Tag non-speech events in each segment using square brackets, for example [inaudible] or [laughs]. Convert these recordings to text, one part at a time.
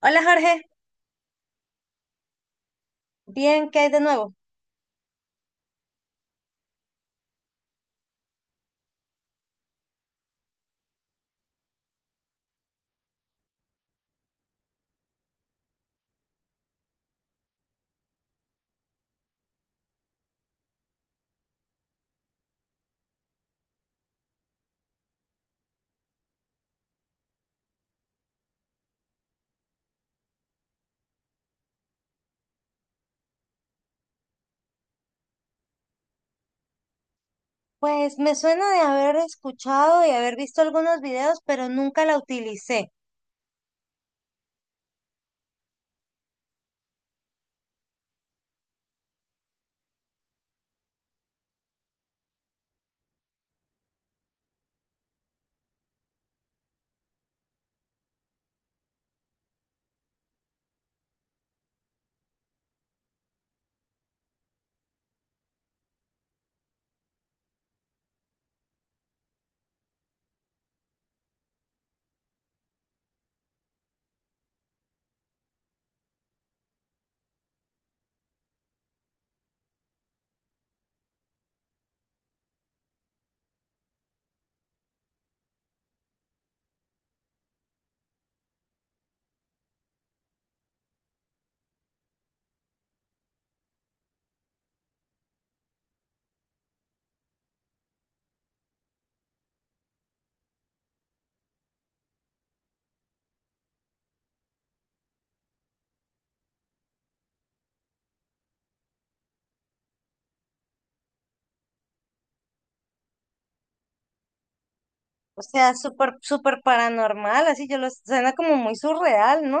Hola Jorge, bien, ¿qué hay de nuevo? Pues me suena de haber escuchado y haber visto algunos videos, pero nunca la utilicé. O sea, súper, súper paranormal, así yo lo suena como muy surreal, ¿no?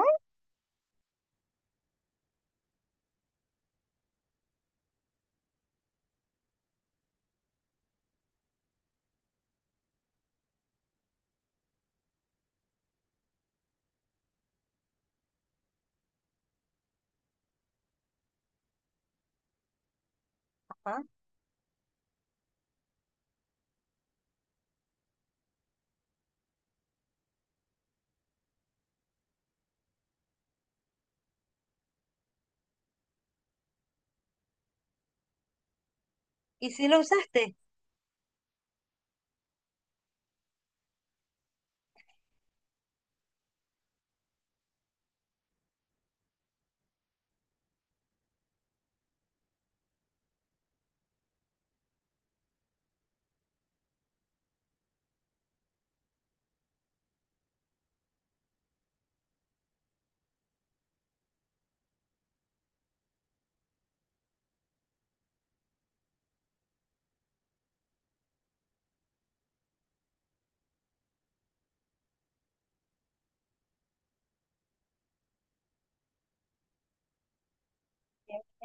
Ajá. ¿Y si lo usaste?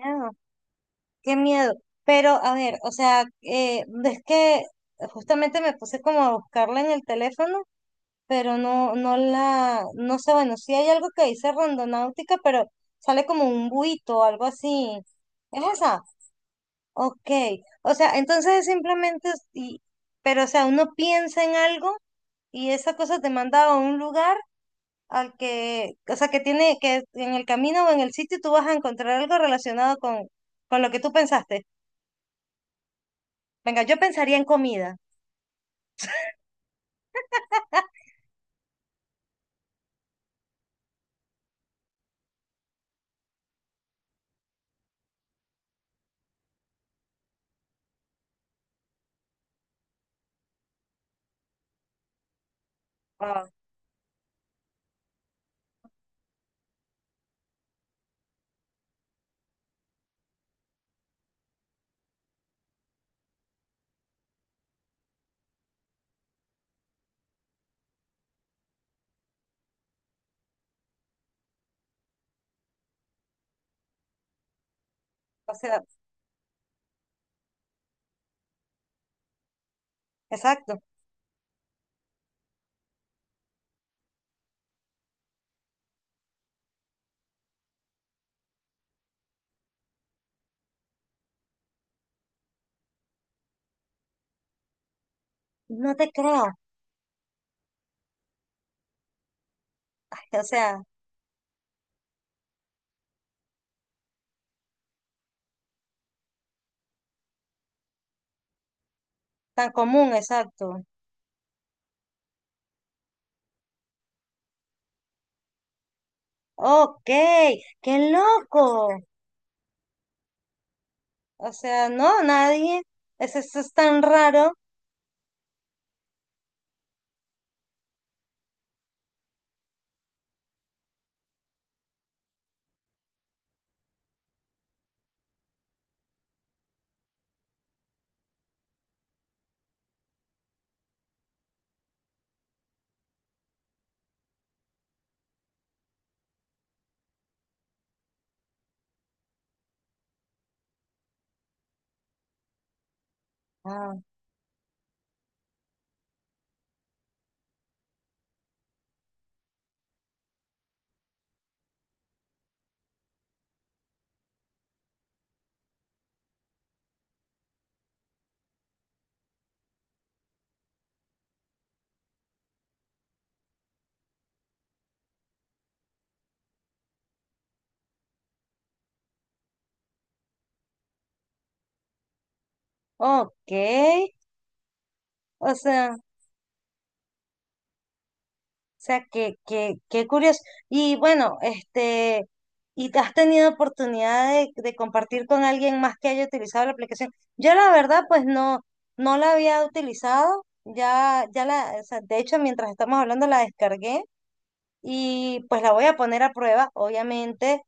Ah, qué miedo. Pero a ver, o sea, ves que justamente me puse como a buscarla en el teléfono, pero no, no sé, bueno, sí hay algo que dice rondonáutica, pero sale como un buito o algo así. ¿Es esa? Ok, o sea, entonces simplemente, pero o sea, uno piensa en algo y esa cosa te manda a un lugar al que, o sea, que tiene, que en el camino o en el sitio tú vas a encontrar algo relacionado con lo que tú pensaste. Venga, yo pensaría en comida. [laughs] Ah, o sea, exacto. No te creo. O sea, tan común, exacto. Ok, qué loco. O sea, no, nadie. Eso es tan raro. Ah, ok. O sea, que qué curioso. Y bueno, ¿y te has tenido oportunidad de compartir con alguien más que haya utilizado la aplicación? Yo la verdad, pues no, no la había utilizado. O sea, de hecho, mientras estamos hablando la descargué y pues la voy a poner a prueba, obviamente.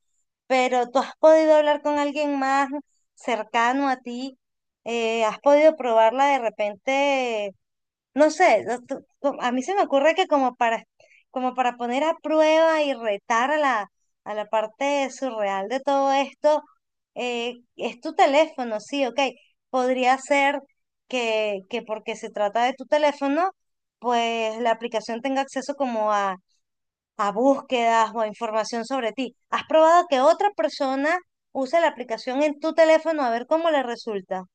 Pero ¿tú has podido hablar con alguien más cercano a ti? ¿Has podido probarla de repente? No sé, no, a mí se me ocurre que como para poner a prueba y retar a a la parte surreal de todo esto, es tu teléfono, sí, ok. Podría ser que porque se trata de tu teléfono, pues la aplicación tenga acceso como a búsquedas o a información sobre ti. ¿Has probado que otra persona use la aplicación en tu teléfono a ver cómo le resulta?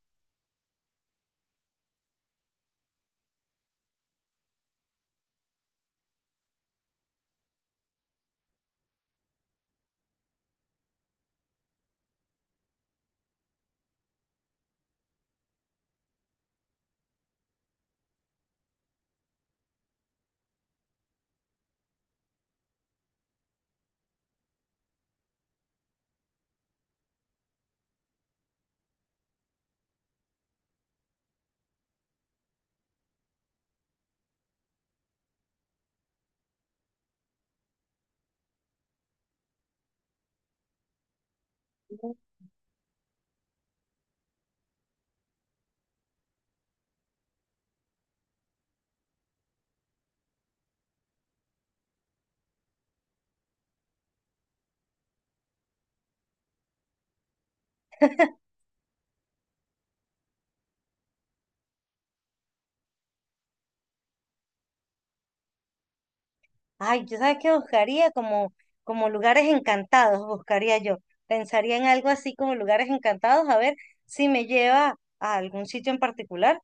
Ay, yo sabes que buscaría como, como lugares encantados, buscaría yo. Pensaría en algo así como lugares encantados, a ver si me lleva a algún sitio en particular.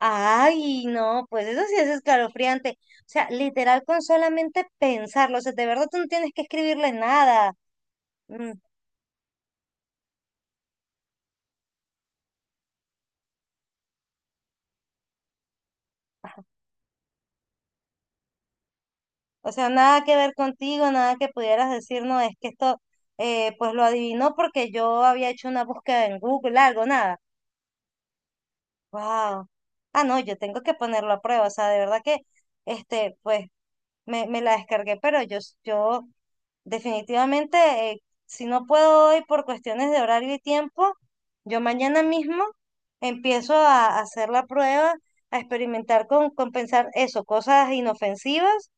Ay, no, pues eso sí es escalofriante. O sea, literal con solamente pensarlo. O sea, de verdad tú no tienes que escribirle nada. Mm. O sea, nada que ver contigo, nada que pudieras decir, no, es que esto, pues lo adivinó porque yo había hecho una búsqueda en Google, algo, nada. Wow. Ah, no, yo tengo que ponerlo a prueba. O sea, de verdad que, este, pues, me la descargué, pero yo definitivamente, si no puedo hoy por cuestiones de horario y tiempo, yo mañana mismo empiezo a hacer la prueba, a experimentar con pensar eso, cosas inofensivas,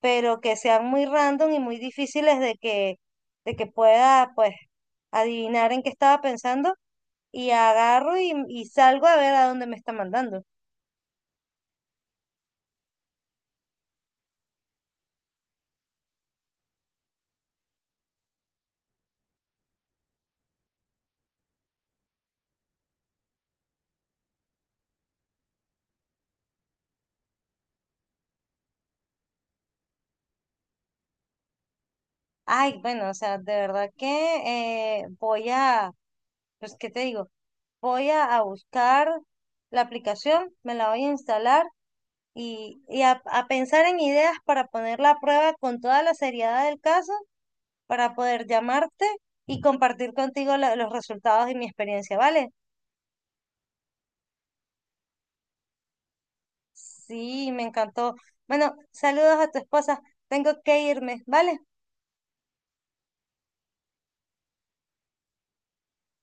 pero que sean muy random y muy difíciles de de que pueda, pues, adivinar en qué estaba pensando, y agarro y salgo a ver a dónde me está mandando. Ay, bueno, o sea, de verdad que eh, voy a, pues, ¿qué te digo? Voy a buscar la aplicación, me la voy a instalar y a pensar en ideas para ponerla a prueba con toda la seriedad del caso, para poder llamarte y compartir contigo los resultados y mi experiencia, ¿vale? Sí, me encantó. Bueno, saludos a tu esposa. Tengo que irme, ¿vale?